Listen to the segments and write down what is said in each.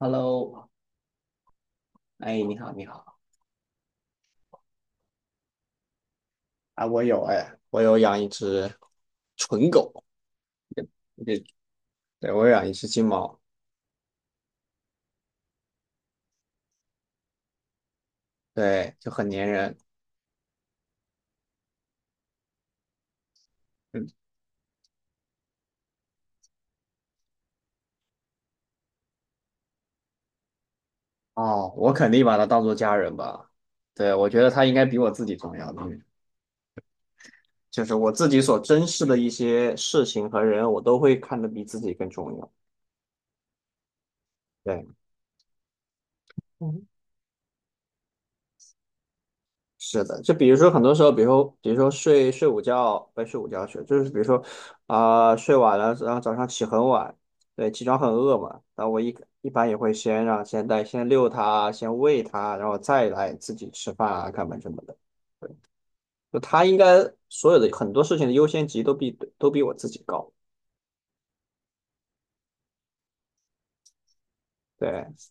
Hello，哎，你好，你好，啊，我有养一只纯狗，也也对，我有养一只金毛，对，就很粘人。嗯。哦，我肯定把它当做家人吧。对，我觉得它应该比我自己重要的就是我自己所珍视的一些事情和人，我都会看得比自己更重要。对，是的，就比如说很多时候，比如说睡午觉，不是睡午觉去，就是比如说啊、睡晚了，然后早上起很晚，对，起床很饿嘛，然后我一般也会先遛它，先喂它，然后再来自己吃饭啊、干嘛什么的。就它应该所有的很多事情的优先级都比我自己高，对。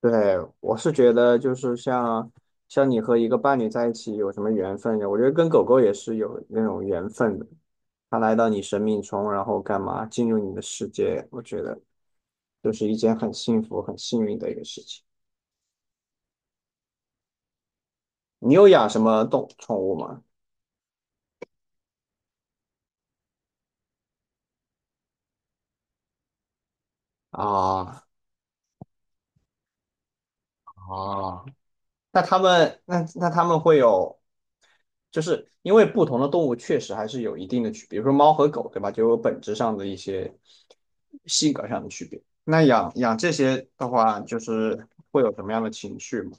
对，我是觉得就是像你和一个伴侣在一起有什么缘分的，我觉得跟狗狗也是有那种缘分的。它来到你生命中，然后干嘛进入你的世界，我觉得就是一件很幸福、很幸运的一个事情。你有养什么宠物吗？啊。啊。那他们会有，就是因为不同的动物确实还是有一定的区别，比如说猫和狗，对吧？就有本质上的一些性格上的区别。那养这些的话，就是会有什么样的情绪吗？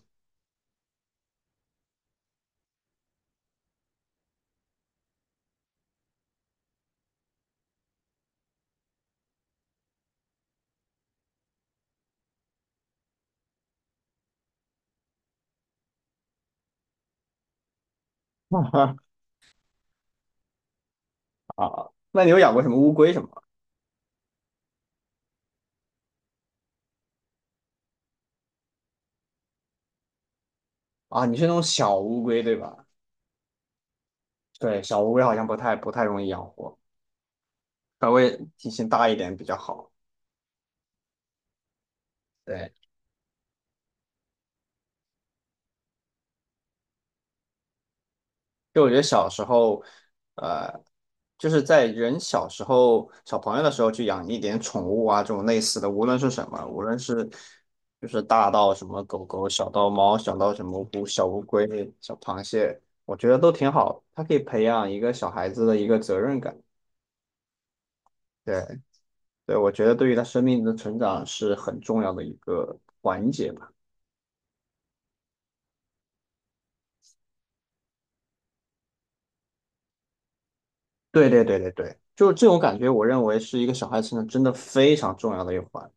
啊，那你有养过什么乌龟什么吗？啊，你是那种小乌龟对吧？对，小乌龟好像不太容易养活，稍微体型大一点比较好。对。就我觉得小时候，呃，就是在人小时候、小朋友的时候去养一点宠物啊，这种类似的，无论是什么，无论是就是大到什么狗狗，小到猫，小到什么小乌龟、小螃蟹，我觉得都挺好。它可以培养一个小孩子的一个责任感。对。对，我觉得对于他生命的成长是很重要的一个环节吧。对对对对对，就是这种感觉，我认为是一个小孩成长真的非常重要的一环。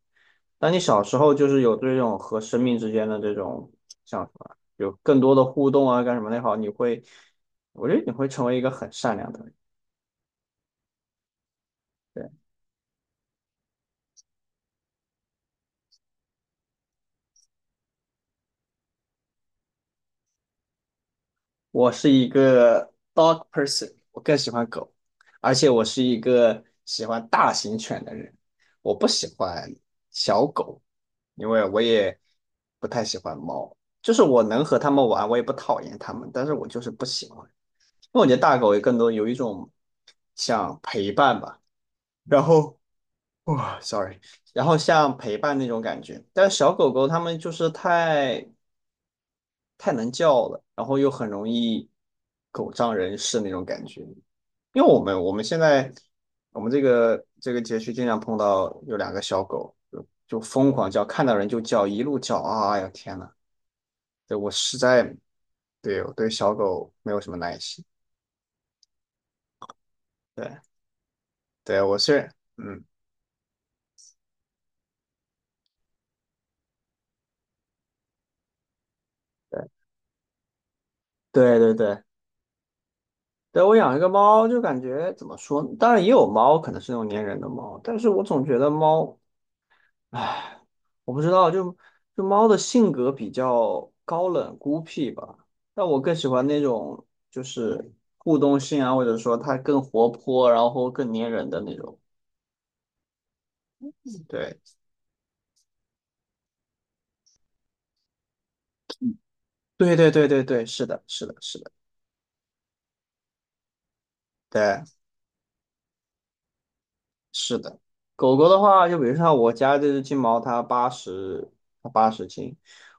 那你小时候就是有这种和生命之间的这种像什么，有更多的互动啊，干什么的也好，你会，我觉得你会成为一个很善良的人。对，我是一个 dog person，我更喜欢狗，而且我是一个喜欢大型犬的人，我不喜欢小狗，因为我也不太喜欢猫。就是我能和它们玩，我也不讨厌它们，但是我就是不喜欢，因为我觉得大狗也更多有一种像陪伴吧。然后哇，sorry，然后像陪伴那种感觉，但是小狗狗它们就是太能叫了，然后又很容易狗仗人势那种感觉。因为我们这个街区经常碰到有两个小狗，就疯狂叫，看到人就叫，一路叫啊！哎呀天呐，对我实在对我对小狗没有什么耐心。对对，我是嗯，对对对对，对，我养一个猫，就感觉怎么说呢，当然也有猫，可能是那种粘人的猫，但是我总觉得猫，唉，我不知道，就猫的性格比较高冷孤僻吧。但我更喜欢那种就是互动性啊，或者说它更活泼，然后更粘人的那种。对，对对对对对，是的，是的，是的，对。是的，狗狗的话，就比如像我家这只金毛，它80斤，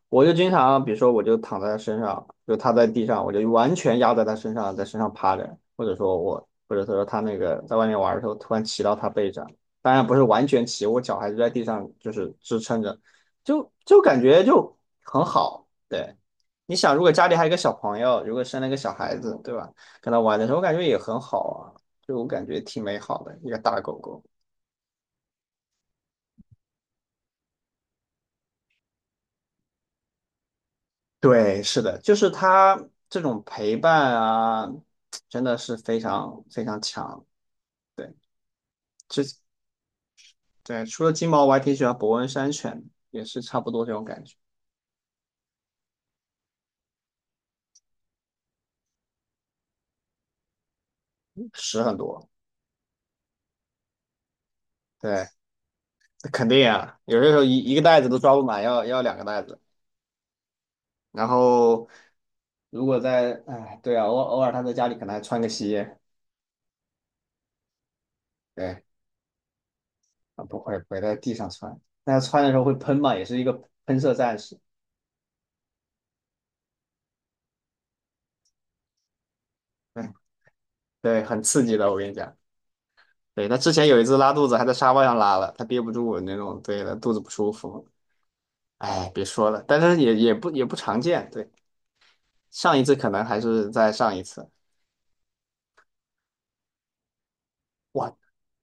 我就经常，比如说我就躺在它身上，就它在地上，我就完全压在它身上，在身上趴着，或者说我，或者说它那个在外面玩的时候，突然骑到它背上，当然不是完全骑，我脚还是在地上就是支撑着，就感觉就很好。对，你想，如果家里还有一个小朋友，如果生了一个小孩子，对吧？跟他玩的时候，我感觉也很好啊，就我感觉挺美好的一个大狗狗。对，是的，就是他这种陪伴啊，真的是非常非常强。对。这对除了金毛，我还挺喜欢伯恩山犬，也是差不多这种感觉。屎很多。对，肯定啊，有些时候一个袋子都装不满，要两个袋子。然后如果在，哎，对啊，偶尔他在家里可能还穿个鞋，对，啊，不会不会在地上穿，但他穿的时候会喷嘛，也是一个喷射战士。对对，很刺激的，我跟你讲。对，他之前有一次拉肚子，还在沙发上拉了，他憋不住那种，对的，肚子不舒服。哎，别说了，但是也不常见。对，上一次可能还是在上一次。哇，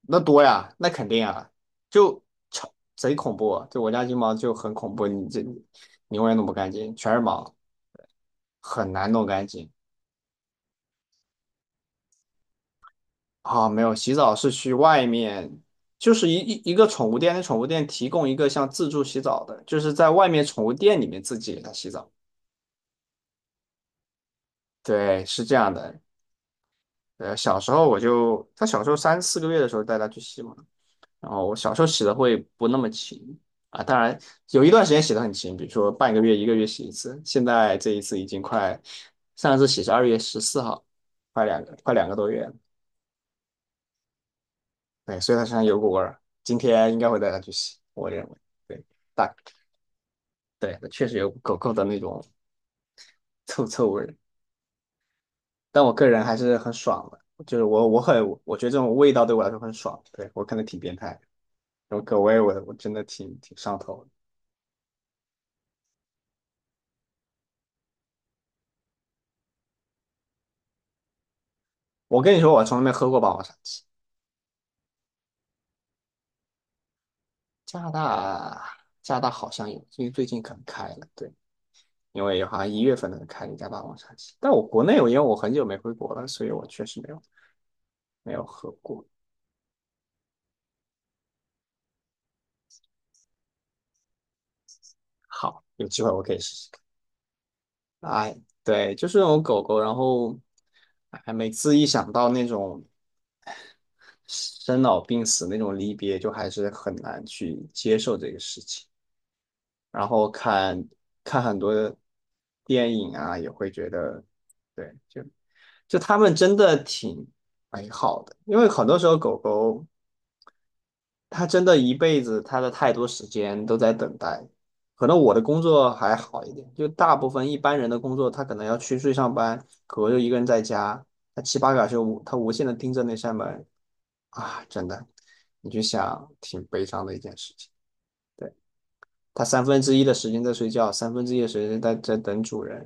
那多呀，那肯定啊，就超贼恐怖啊。就我家金毛就很恐怖，你永远弄不干净，全是毛，很难弄干净。啊、没有，洗澡是去外面，就是一个宠物店，那宠物店提供一个像自助洗澡的，就是在外面宠物店里面自己给它洗澡。对，是这样的。呃，小时候我就，他小时候3、4个月的时候带他去洗嘛，然后我小时候洗的会不那么勤啊，当然有一段时间洗的很勤，比如说半个月、1个月洗一次。现在这一次已经快，上一次洗是2月14号，快2个多月了。对，所以他身上有股味儿，今天应该会带他去洗，我认为。对。大对，确实有狗狗的那种 臭臭味儿，但我个人还是很爽的。就是我我很我觉得这种味道对我来说很爽，对我看能挺变态。有葛威我我真的挺挺上头的。我跟你说，我从来没喝过霸王茶姬。加拿大，加拿大好像有，最最近可能开了，对，因为好像1月份可能开了一家霸王茶姬。但我国内，我因为我很久没回国了，所以我确实没有没有喝过。好，有机会我可以试试看。哎，对，就是那种狗狗，然后，哎，每次一想到那种生老病死那种离别，就还是很难去接受这个事情。然后看看很多电影啊，也会觉得，对，就就他们真的挺美好的，因为很多时候狗狗它真的一辈子，它的太多时间都在等待。可能我的工作还好一点，就大部分一般人的工作，他可能要去去上班，狗狗就一个人在家，它七八个小时无，他无限的盯着那扇门啊，真的，你就想挺悲伤的一件事情。对。他三分之一的时间在睡觉，三分之一的时间在在等主人。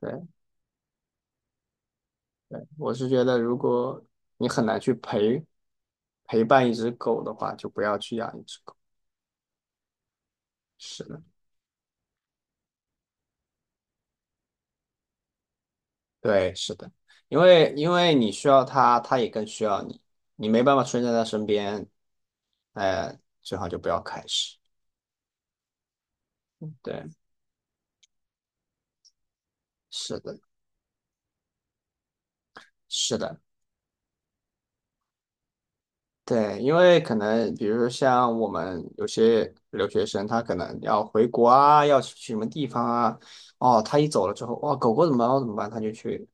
对。对，我是觉得，如果你很难去陪伴一只狗的话，就不要去养一只狗。是的，对，是的，因为因为你需要它，它也更需要你，你没办法出现在它身边，哎、最好就不要开始。对，是的，是的。对，因为可能比如说像我们有些留学生，他可能要回国啊，要去什么地方啊，哦，他一走了之后，哇，狗狗怎么办？我怎么办？他就去，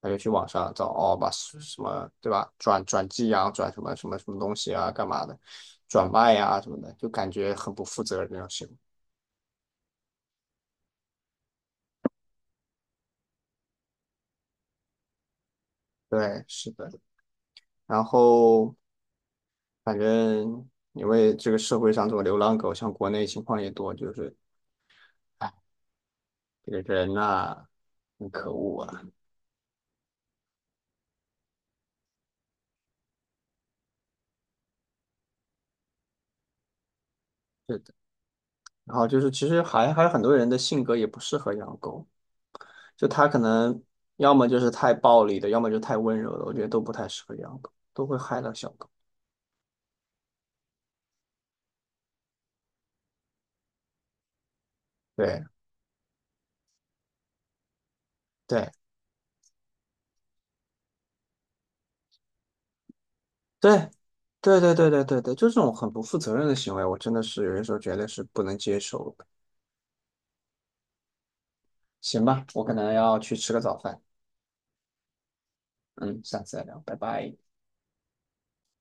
他就去网上找，哦，把什么，对吧？转寄养，转什么什么什么东西啊，干嘛的，转卖啊什么的，就感觉很不负责任那种行为。对，是的。然后反正因为这个社会上这种流浪狗，像国内情况也多，就是，哎，这个人呐、很可恶啊。的。然后就是其实还还有很多人的性格也不适合养狗，就他可能要么就是太暴力的，要么就太温柔的，我觉得都不太适合养狗，都会害了小狗。对对对对对对对对对，就这种很不负责任的行为，我真的是有些时候觉得是不能接受的。行吧，我可能要去吃个早饭，嗯，下次再聊，拜拜。